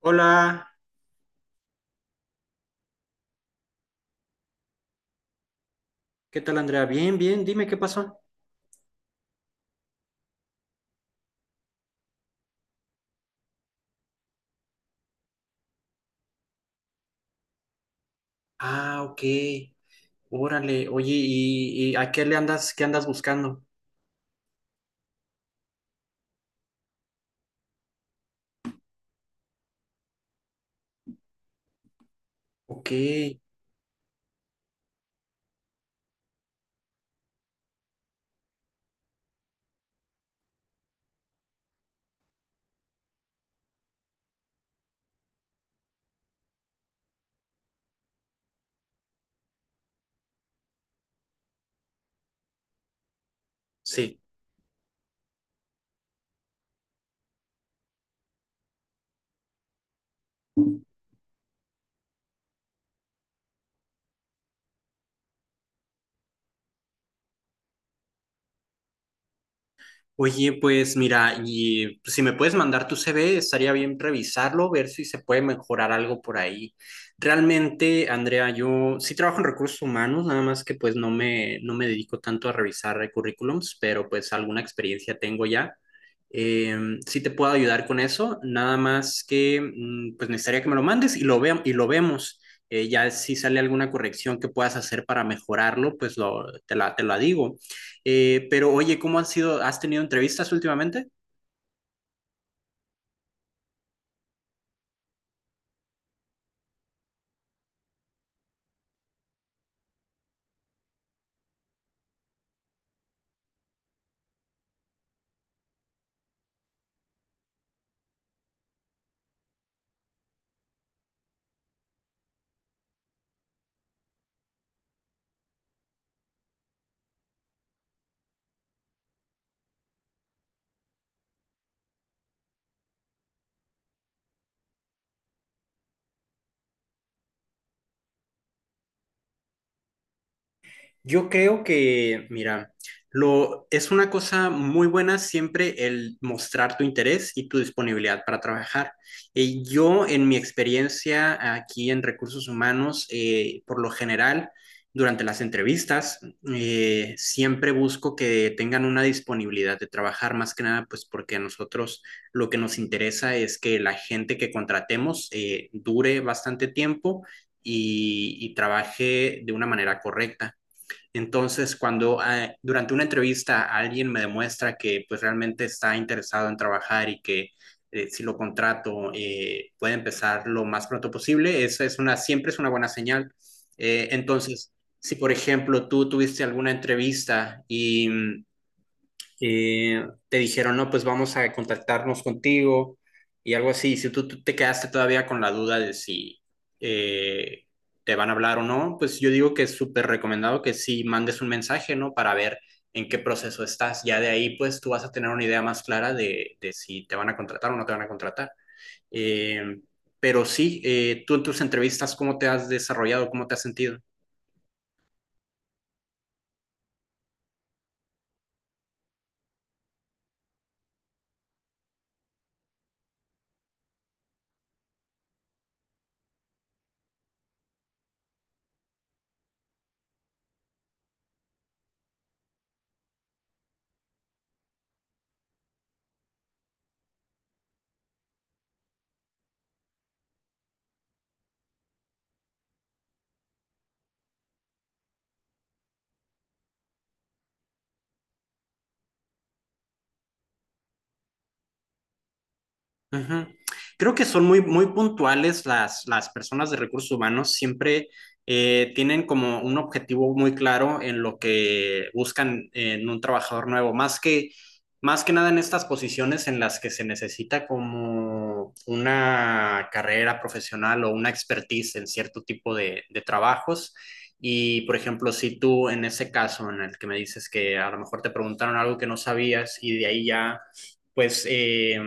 Hola, ¿qué tal Andrea? Bien, bien, dime qué pasó. Ah, ok, órale, oye, ¿y a qué le andas, qué andas buscando? Ok, sí. Oye, pues mira, y pues, si me puedes mandar tu CV, estaría bien revisarlo, ver si se puede mejorar algo por ahí. Realmente, Andrea, yo sí trabajo en recursos humanos, nada más que pues no me dedico tanto a revisar currículums, pero pues alguna experiencia tengo ya. Sí te puedo ayudar con eso, nada más que pues necesitaría que me lo mandes y y lo vemos. Ya si sale alguna corrección que puedas hacer para mejorarlo, pues te la digo. Pero oye, ¿cómo han sido? ¿Has tenido entrevistas últimamente? Yo creo que, mira, es una cosa muy buena siempre el mostrar tu interés y tu disponibilidad para trabajar. Y yo, en mi experiencia aquí en recursos humanos, por lo general, durante las entrevistas, siempre busco que tengan una disponibilidad de trabajar, más que nada, pues porque a nosotros lo que nos interesa es que la gente que contratemos dure bastante tiempo y trabaje de una manera correcta. Entonces, cuando durante una entrevista alguien me demuestra que pues realmente está interesado en trabajar y que si lo contrato puede empezar lo más pronto posible, siempre es una buena señal. Entonces, si por ejemplo tú tuviste alguna entrevista y te dijeron, no, pues vamos a contactarnos contigo y algo así. Si tú te quedaste todavía con la duda de si eh, te van a hablar o no, pues yo digo que es súper recomendado que sí mandes un mensaje, ¿no? Para ver en qué proceso estás. Ya de ahí, pues tú vas a tener una idea más clara de si te van a contratar o no te van a contratar. Eh, pero sí, tú en tus entrevistas, ¿cómo te has desarrollado? ¿Cómo te has sentido? Ujú. Creo que son muy puntuales las personas de recursos humanos, siempre tienen como un objetivo muy claro en lo que buscan en un trabajador nuevo, más que nada en estas posiciones en las que se necesita como una carrera profesional o una expertise en cierto tipo de trabajos. Y, por ejemplo, si tú en ese caso en el que me dices que a lo mejor te preguntaron algo que no sabías y de ahí ya pues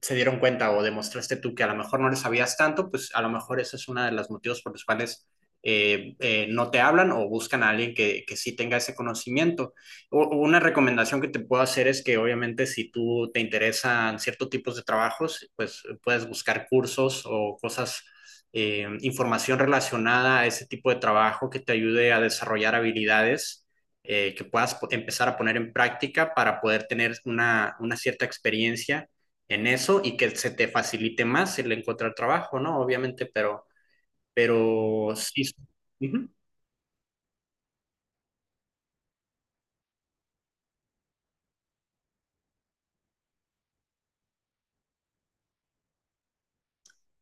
se dieron cuenta o demostraste tú que a lo mejor no les sabías tanto, pues a lo mejor ese es uno de los motivos por los cuales no te hablan o buscan a alguien que sí tenga ese conocimiento. O una recomendación que te puedo hacer es que obviamente si tú te interesan ciertos tipos de trabajos, pues puedes buscar cursos o cosas, información relacionada a ese tipo de trabajo que te ayude a desarrollar habilidades. Que puedas empezar a poner en práctica para poder tener una cierta experiencia en eso y que se te facilite más el encontrar trabajo, ¿no? Obviamente, pero sí. Ujú.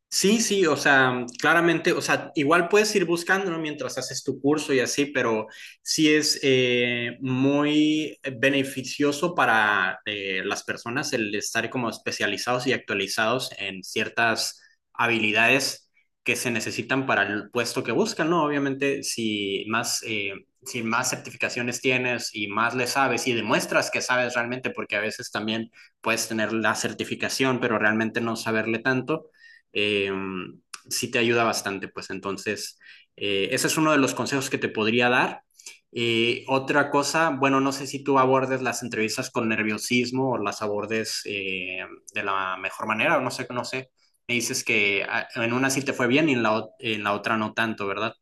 Sí, sí, o sea, claramente, o sea, igual puedes ir buscándolo mientras haces tu curso y así, pero sí es muy beneficioso para las personas el estar como especializados y actualizados en ciertas habilidades que se necesitan para el puesto que buscan, ¿no? Obviamente, si más certificaciones tienes y más le sabes y demuestras que sabes realmente, porque a veces también puedes tener la certificación, pero realmente no saberle tanto eh, sí te ayuda bastante, pues entonces, ese es uno de los consejos que te podría dar. Otra cosa, bueno, no sé si tú abordes las entrevistas con nerviosismo o las abordes de la mejor manera, o no sé, no sé. Me dices que en una sí te fue bien y en en la otra no tanto, ¿verdad?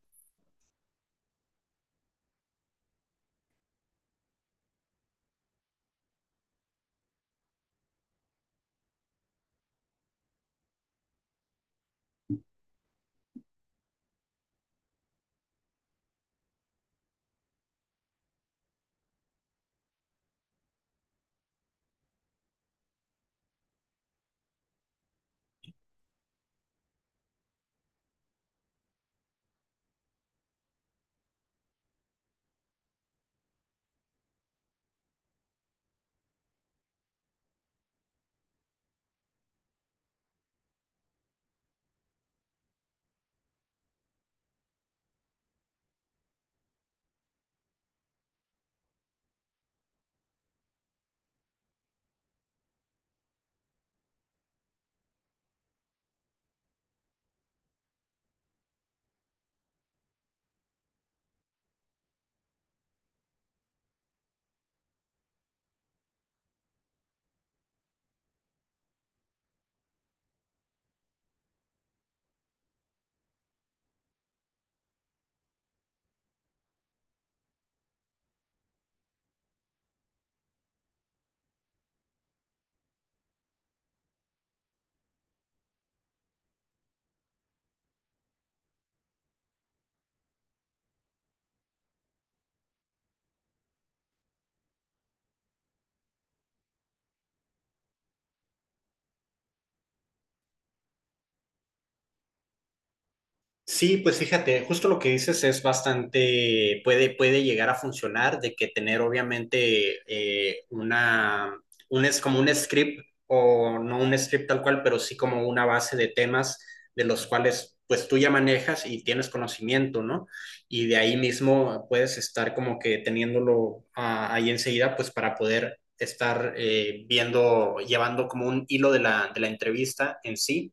Sí, pues fíjate, justo lo que dices es bastante, puede llegar a funcionar, de que tener obviamente es como un script, o no un script tal cual, pero sí como una base de temas de los cuales pues tú ya manejas y tienes conocimiento, ¿no? Y de ahí mismo puedes estar como que teniéndolo ahí enseguida, pues para poder estar viendo, llevando como un hilo de de la entrevista en sí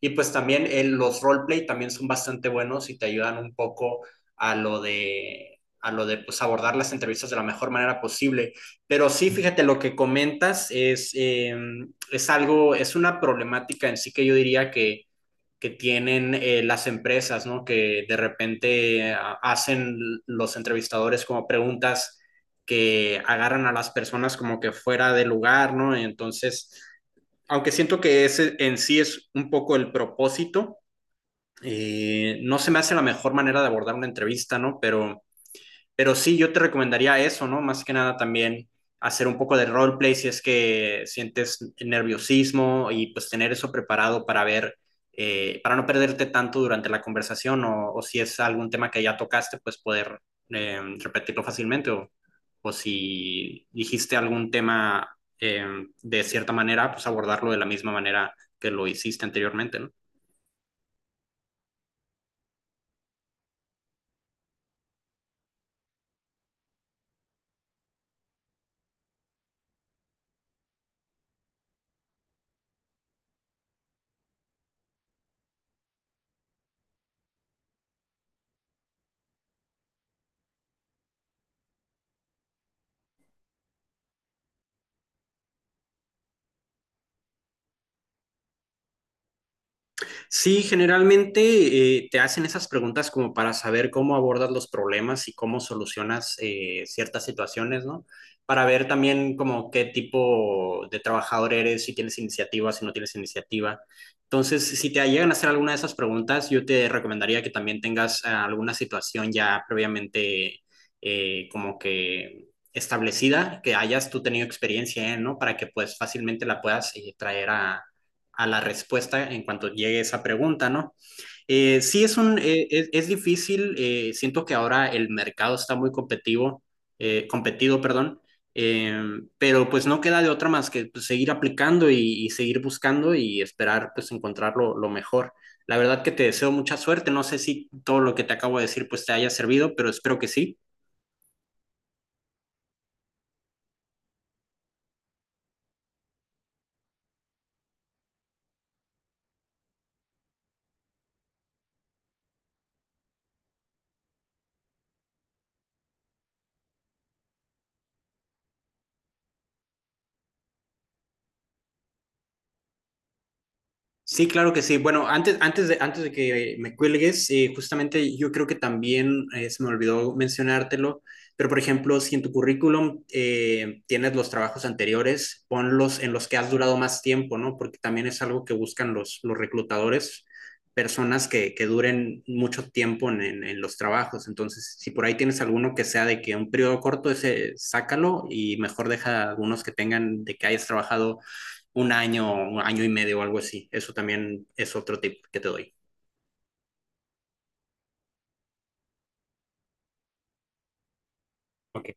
y pues también los roleplay también son bastante buenos y te ayudan un poco a lo de pues, abordar las entrevistas de la mejor manera posible. Pero sí, fíjate, lo que comentas es algo, es una problemática en sí que yo diría que tienen las empresas, ¿no? Que de repente hacen los entrevistadores como preguntas que agarran a las personas como que fuera de lugar, ¿no? Entonces aunque siento que ese en sí es un poco el propósito, no se me hace la mejor manera de abordar una entrevista, ¿no? Pero sí, yo te recomendaría eso, ¿no? Más que nada también hacer un poco de roleplay si es que sientes nerviosismo y pues tener eso preparado para ver, para no perderte tanto durante la conversación o si es algún tema que ya tocaste, pues poder repetirlo fácilmente o si dijiste algún tema de cierta manera, pues abordarlo de la misma manera que lo hiciste anteriormente, ¿no? Sí, generalmente te hacen esas preguntas como para saber cómo abordas los problemas y cómo solucionas ciertas situaciones, ¿no? Para ver también como qué tipo de trabajador eres, si tienes iniciativa, si no tienes iniciativa. Entonces, si te llegan a hacer alguna de esas preguntas, yo te recomendaría que también tengas alguna situación ya previamente como que establecida, que hayas tú tenido experiencia en, ¿no? Para que pues fácilmente la puedas traer a la respuesta en cuanto llegue esa pregunta, ¿no? Sí es difícil, siento que ahora el mercado está muy competitivo, competido, perdón, eh, pero pues no queda de otra más que pues, seguir aplicando y seguir buscando y esperar pues encontrar lo mejor. La verdad que te deseo mucha suerte, no sé si todo lo que te acabo de decir pues te haya servido, pero espero que sí. Sí, claro que sí. Bueno, antes de que me cuelgues, justamente yo creo que también se me olvidó mencionártelo, pero por ejemplo, si en tu currículum tienes los trabajos anteriores, ponlos en los que has durado más tiempo, ¿no? Porque también es algo que buscan los reclutadores, personas que duren mucho tiempo en los trabajos. Entonces, si por ahí tienes alguno que sea de que un periodo corto, ese sácalo y mejor deja algunos que tengan de que hayas trabajado un año y medio o algo así. Eso también es otro tip que te doy. Ok.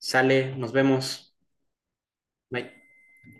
Sale, nos vemos. Bye.